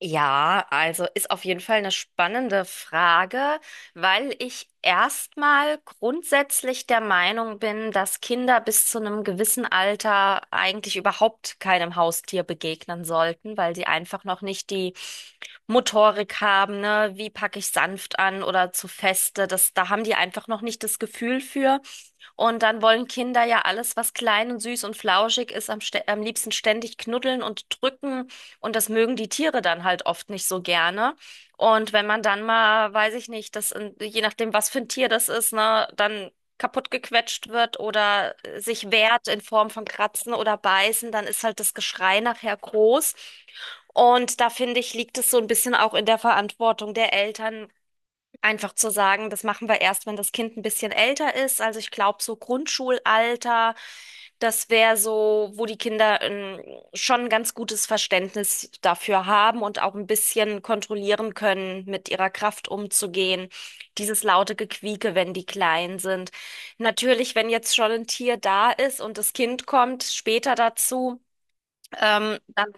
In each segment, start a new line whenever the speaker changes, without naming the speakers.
Ja, also ist auf jeden Fall eine spannende Frage, weil ich erstmal grundsätzlich der Meinung bin, dass Kinder bis zu einem gewissen Alter eigentlich überhaupt keinem Haustier begegnen sollten, weil sie einfach noch nicht die Motorik haben, ne? Wie packe ich sanft an oder zu feste? Das, da haben die einfach noch nicht das Gefühl für. Und dann wollen Kinder ja alles, was klein und süß und flauschig ist, am liebsten ständig knuddeln und drücken. Und das mögen die Tiere dann halt oft nicht so gerne. Und wenn man dann mal, weiß ich nicht, je nachdem, was für ein Tier das ist, ne, dann kaputt gequetscht wird oder sich wehrt in Form von Kratzen oder Beißen, dann ist halt das Geschrei nachher groß. Und da finde ich, liegt es so ein bisschen auch in der Verantwortung der Eltern, einfach zu sagen, das machen wir erst, wenn das Kind ein bisschen älter ist. Also ich glaube, so Grundschulalter, das wäre so, wo die Kinder schon ein ganz gutes Verständnis dafür haben und auch ein bisschen kontrollieren können, mit ihrer Kraft umzugehen. Dieses laute Gequieke, wenn die klein sind. Natürlich, wenn jetzt schon ein Tier da ist und das Kind kommt später dazu, dann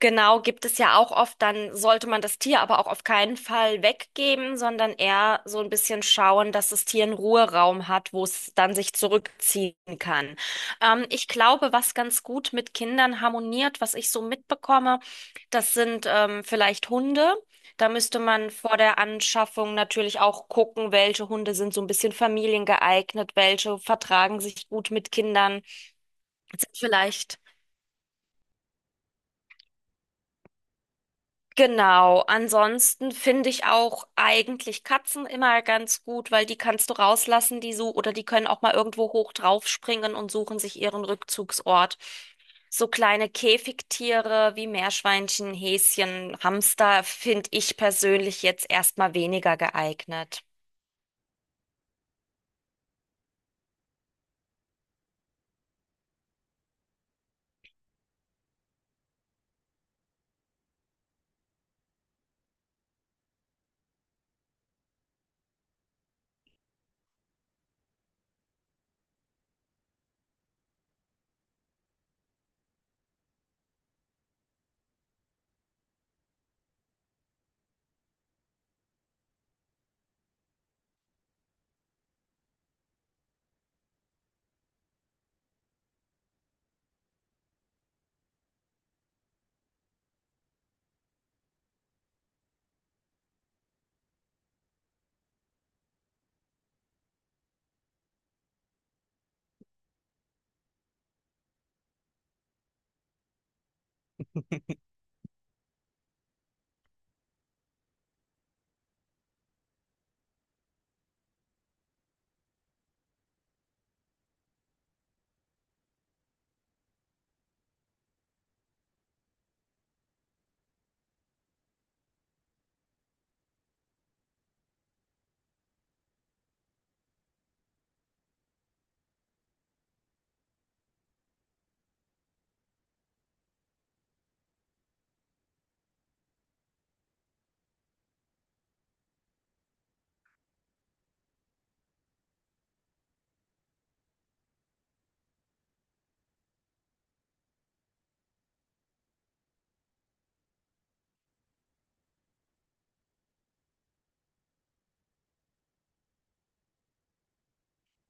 genau, gibt es ja auch oft, dann sollte man das Tier aber auch auf keinen Fall weggeben, sondern eher so ein bisschen schauen, dass das Tier einen Ruheraum hat, wo es dann sich zurückziehen kann. Ich glaube, was ganz gut mit Kindern harmoniert, was ich so mitbekomme, das sind vielleicht Hunde. Da müsste man vor der Anschaffung natürlich auch gucken, welche Hunde sind so ein bisschen familiengeeignet, welche vertragen sich gut mit Kindern, sind vielleicht genau, ansonsten finde ich auch eigentlich Katzen immer ganz gut, weil die kannst du rauslassen, die so, oder die können auch mal irgendwo hoch draufspringen und suchen sich ihren Rückzugsort. So kleine Käfigtiere wie Meerschweinchen, Häschen, Hamster finde ich persönlich jetzt erstmal weniger geeignet.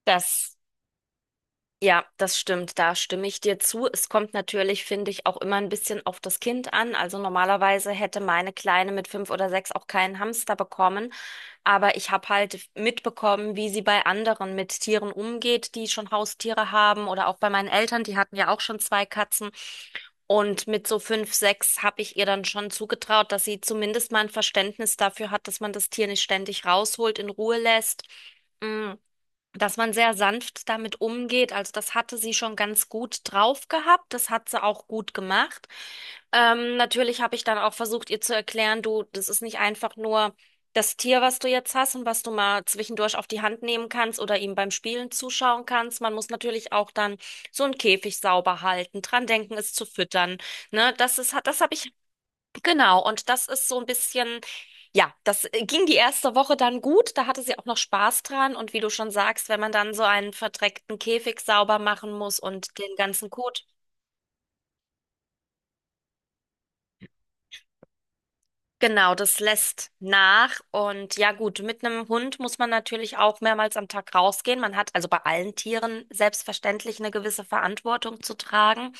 Das, ja, das stimmt, da stimme ich dir zu. Es kommt natürlich, finde ich, auch immer ein bisschen auf das Kind an. Also normalerweise hätte meine Kleine mit 5 oder 6 auch keinen Hamster bekommen. Aber ich habe halt mitbekommen, wie sie bei anderen mit Tieren umgeht, die schon Haustiere haben oder auch bei meinen Eltern, die hatten ja auch schon zwei Katzen. Und mit so 5, 6 habe ich ihr dann schon zugetraut, dass sie zumindest mal ein Verständnis dafür hat, dass man das Tier nicht ständig rausholt, in Ruhe lässt. Mm, Dass man sehr sanft damit umgeht. Also das hatte sie schon ganz gut drauf gehabt. Das hat sie auch gut gemacht. Natürlich habe ich dann auch versucht, ihr zu erklären, du, das ist nicht einfach nur das Tier, was du jetzt hast und was du mal zwischendurch auf die Hand nehmen kannst oder ihm beim Spielen zuschauen kannst. Man muss natürlich auch dann so einen Käfig sauber halten, dran denken, es zu füttern. Ne, das ist, das habe ich genau, und das ist so ein bisschen, ja, das ging die erste Woche dann gut, da hatte sie auch noch Spaß dran und wie du schon sagst, wenn man dann so einen verdreckten Käfig sauber machen muss und den ganzen Kot, genau, das lässt nach und ja gut, mit einem Hund muss man natürlich auch mehrmals am Tag rausgehen. Man hat also bei allen Tieren selbstverständlich eine gewisse Verantwortung zu tragen.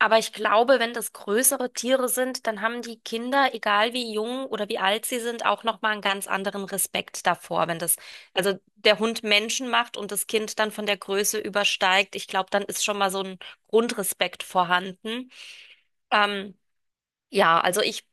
Aber ich glaube, wenn das größere Tiere sind, dann haben die Kinder, egal wie jung oder wie alt sie sind, auch noch mal einen ganz anderen Respekt davor, wenn das also der Hund Menschen macht und das Kind dann von der Größe übersteigt. Ich glaube, dann ist schon mal so ein Grundrespekt vorhanden. Ähm, ja, also ich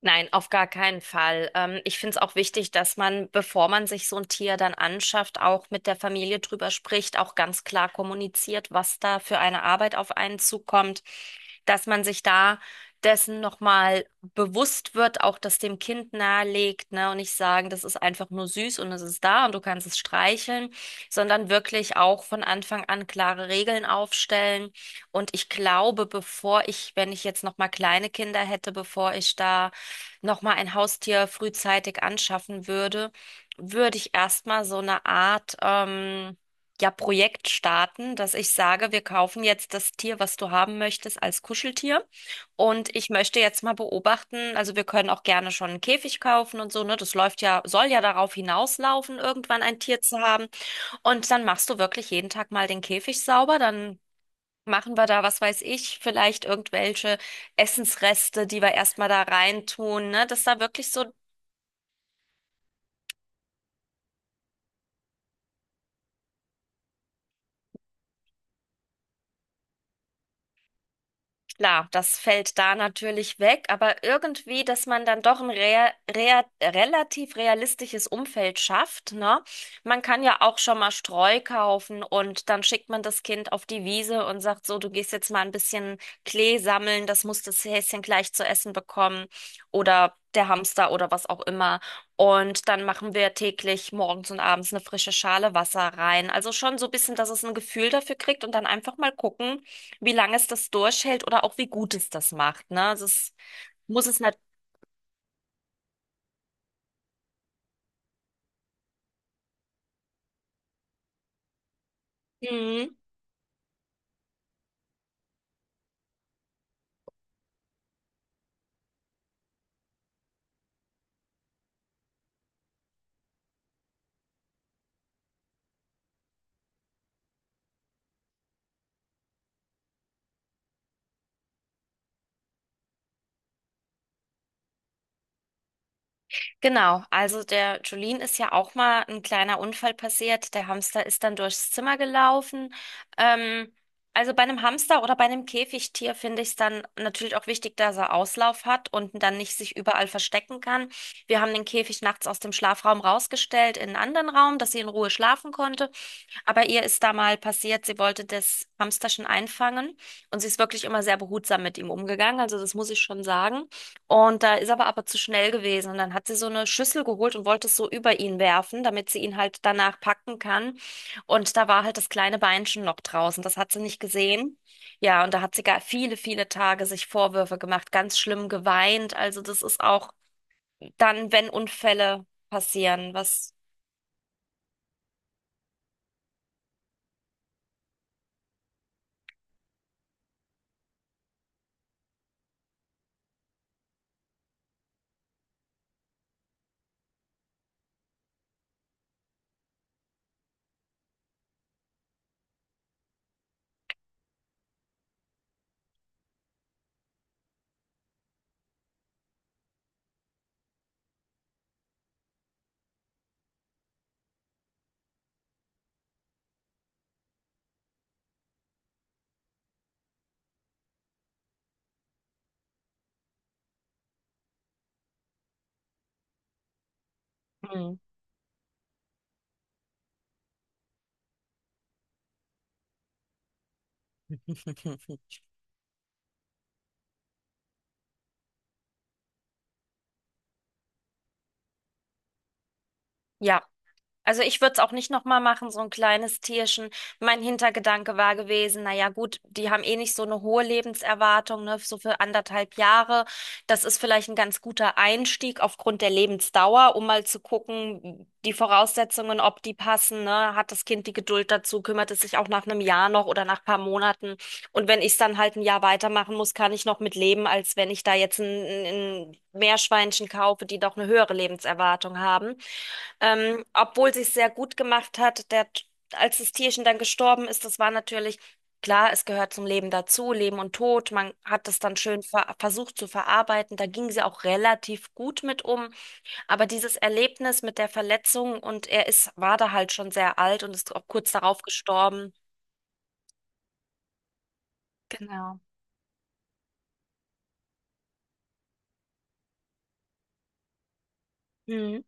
nein, auf gar keinen Fall. Ich finde es auch wichtig, dass man, bevor man sich so ein Tier dann anschafft, auch mit der Familie drüber spricht, auch ganz klar kommuniziert, was da für eine Arbeit auf einen zukommt, dass man sich da dessen nochmal bewusst wird, auch das dem Kind nahelegt, ne, und nicht sagen, das ist einfach nur süß und es ist da und du kannst es streicheln, sondern wirklich auch von Anfang an klare Regeln aufstellen. Und ich glaube, bevor ich, wenn ich jetzt nochmal kleine Kinder hätte, bevor ich da nochmal ein Haustier frühzeitig anschaffen würde, würde ich erstmal so eine Art, ja, Projekt starten, dass ich sage, wir kaufen jetzt das Tier, was du haben möchtest, als Kuscheltier. Und ich möchte jetzt mal beobachten, also wir können auch gerne schon einen Käfig kaufen und so, ne? Das läuft ja, soll ja darauf hinauslaufen, irgendwann ein Tier zu haben. Und dann machst du wirklich jeden Tag mal den Käfig sauber, dann machen wir da, was weiß ich, vielleicht irgendwelche Essensreste, die wir erstmal da reintun, ne? Dass da wirklich so klar, das fällt da natürlich weg, aber irgendwie, dass man dann doch ein rea rea relativ realistisches Umfeld schafft, ne? Man kann ja auch schon mal Streu kaufen und dann schickt man das Kind auf die Wiese und sagt so, du gehst jetzt mal ein bisschen Klee sammeln, das muss das Häschen gleich zu essen bekommen oder der Hamster oder was auch immer. Und dann machen wir täglich morgens und abends eine frische Schale Wasser rein. Also schon so ein bisschen, dass es ein Gefühl dafür kriegt und dann einfach mal gucken, wie lange es das durchhält oder auch wie gut es das macht, ne? Also es muss es nicht. Mhm. Genau, also der Jolene ist ja auch mal ein kleiner Unfall passiert. Der Hamster ist dann durchs Zimmer gelaufen. Ähm, also bei einem Hamster oder bei einem Käfigtier finde ich es dann natürlich auch wichtig, dass er Auslauf hat und dann nicht sich überall verstecken kann. Wir haben den Käfig nachts aus dem Schlafraum rausgestellt in einen anderen Raum, dass sie in Ruhe schlafen konnte. Aber ihr ist da mal passiert, sie wollte das Hamsterchen einfangen und sie ist wirklich immer sehr behutsam mit ihm umgegangen, also das muss ich schon sagen. Und da ist aber zu schnell gewesen und dann hat sie so eine Schüssel geholt und wollte es so über ihn werfen, damit sie ihn halt danach packen kann. Und da war halt das kleine Beinchen noch draußen, das hat sie nicht gesehen. Ja, und da hat sie gar viele, viele Tage sich Vorwürfe gemacht, ganz schlimm geweint. Also das ist auch dann, wenn Unfälle passieren, hm, ja. Also ich würde es auch nicht nochmal machen, so ein kleines Tierchen. Mein Hintergedanke war gewesen, naja gut, die haben eh nicht so eine hohe Lebenserwartung, ne, so für anderthalb Jahre. Das ist vielleicht ein ganz guter Einstieg aufgrund der Lebensdauer, um mal zu gucken, die Voraussetzungen, ob die passen, ne? Hat das Kind die Geduld dazu, kümmert es sich auch nach einem Jahr noch oder nach paar Monaten. Und wenn ich es dann halt ein Jahr weitermachen muss, kann ich noch mit leben, als wenn ich da jetzt ein Meerschweinchen kaufe, die doch eine höhere Lebenserwartung haben. Obwohl sie es sehr gut gemacht hat, der, als das Tierchen dann gestorben ist, das war natürlich klar, es gehört zum Leben dazu, Leben und Tod. Man hat das dann schön versucht zu verarbeiten. Da ging sie auch relativ gut mit um. Aber dieses Erlebnis mit der Verletzung und er ist, war da halt schon sehr alt und ist auch kurz darauf gestorben. Genau. Mhm.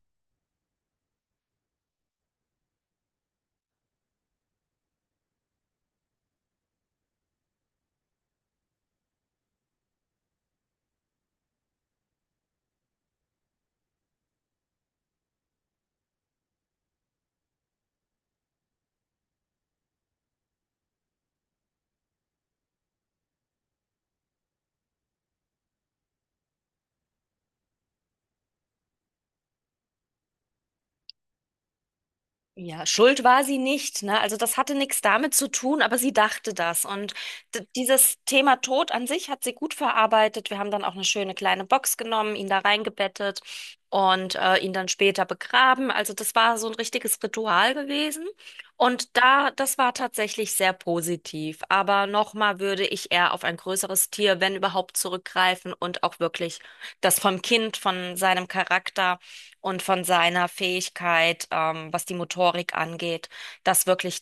Ja, schuld war sie nicht, ne? Also das hatte nichts damit zu tun, aber sie dachte das. Und dieses Thema Tod an sich hat sie gut verarbeitet. Wir haben dann auch eine schöne kleine Box genommen, ihn da reingebettet und ihn dann später begraben. Also das war so ein richtiges Ritual gewesen. Und da, das war tatsächlich sehr positiv. Aber nochmal würde ich eher auf ein größeres Tier, wenn überhaupt, zurückgreifen und auch wirklich das vom Kind, von seinem Charakter und von seiner Fähigkeit, was die Motorik angeht, das wirklich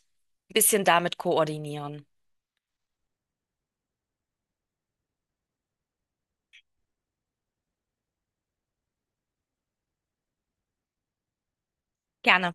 ein bisschen damit koordinieren. Gerne.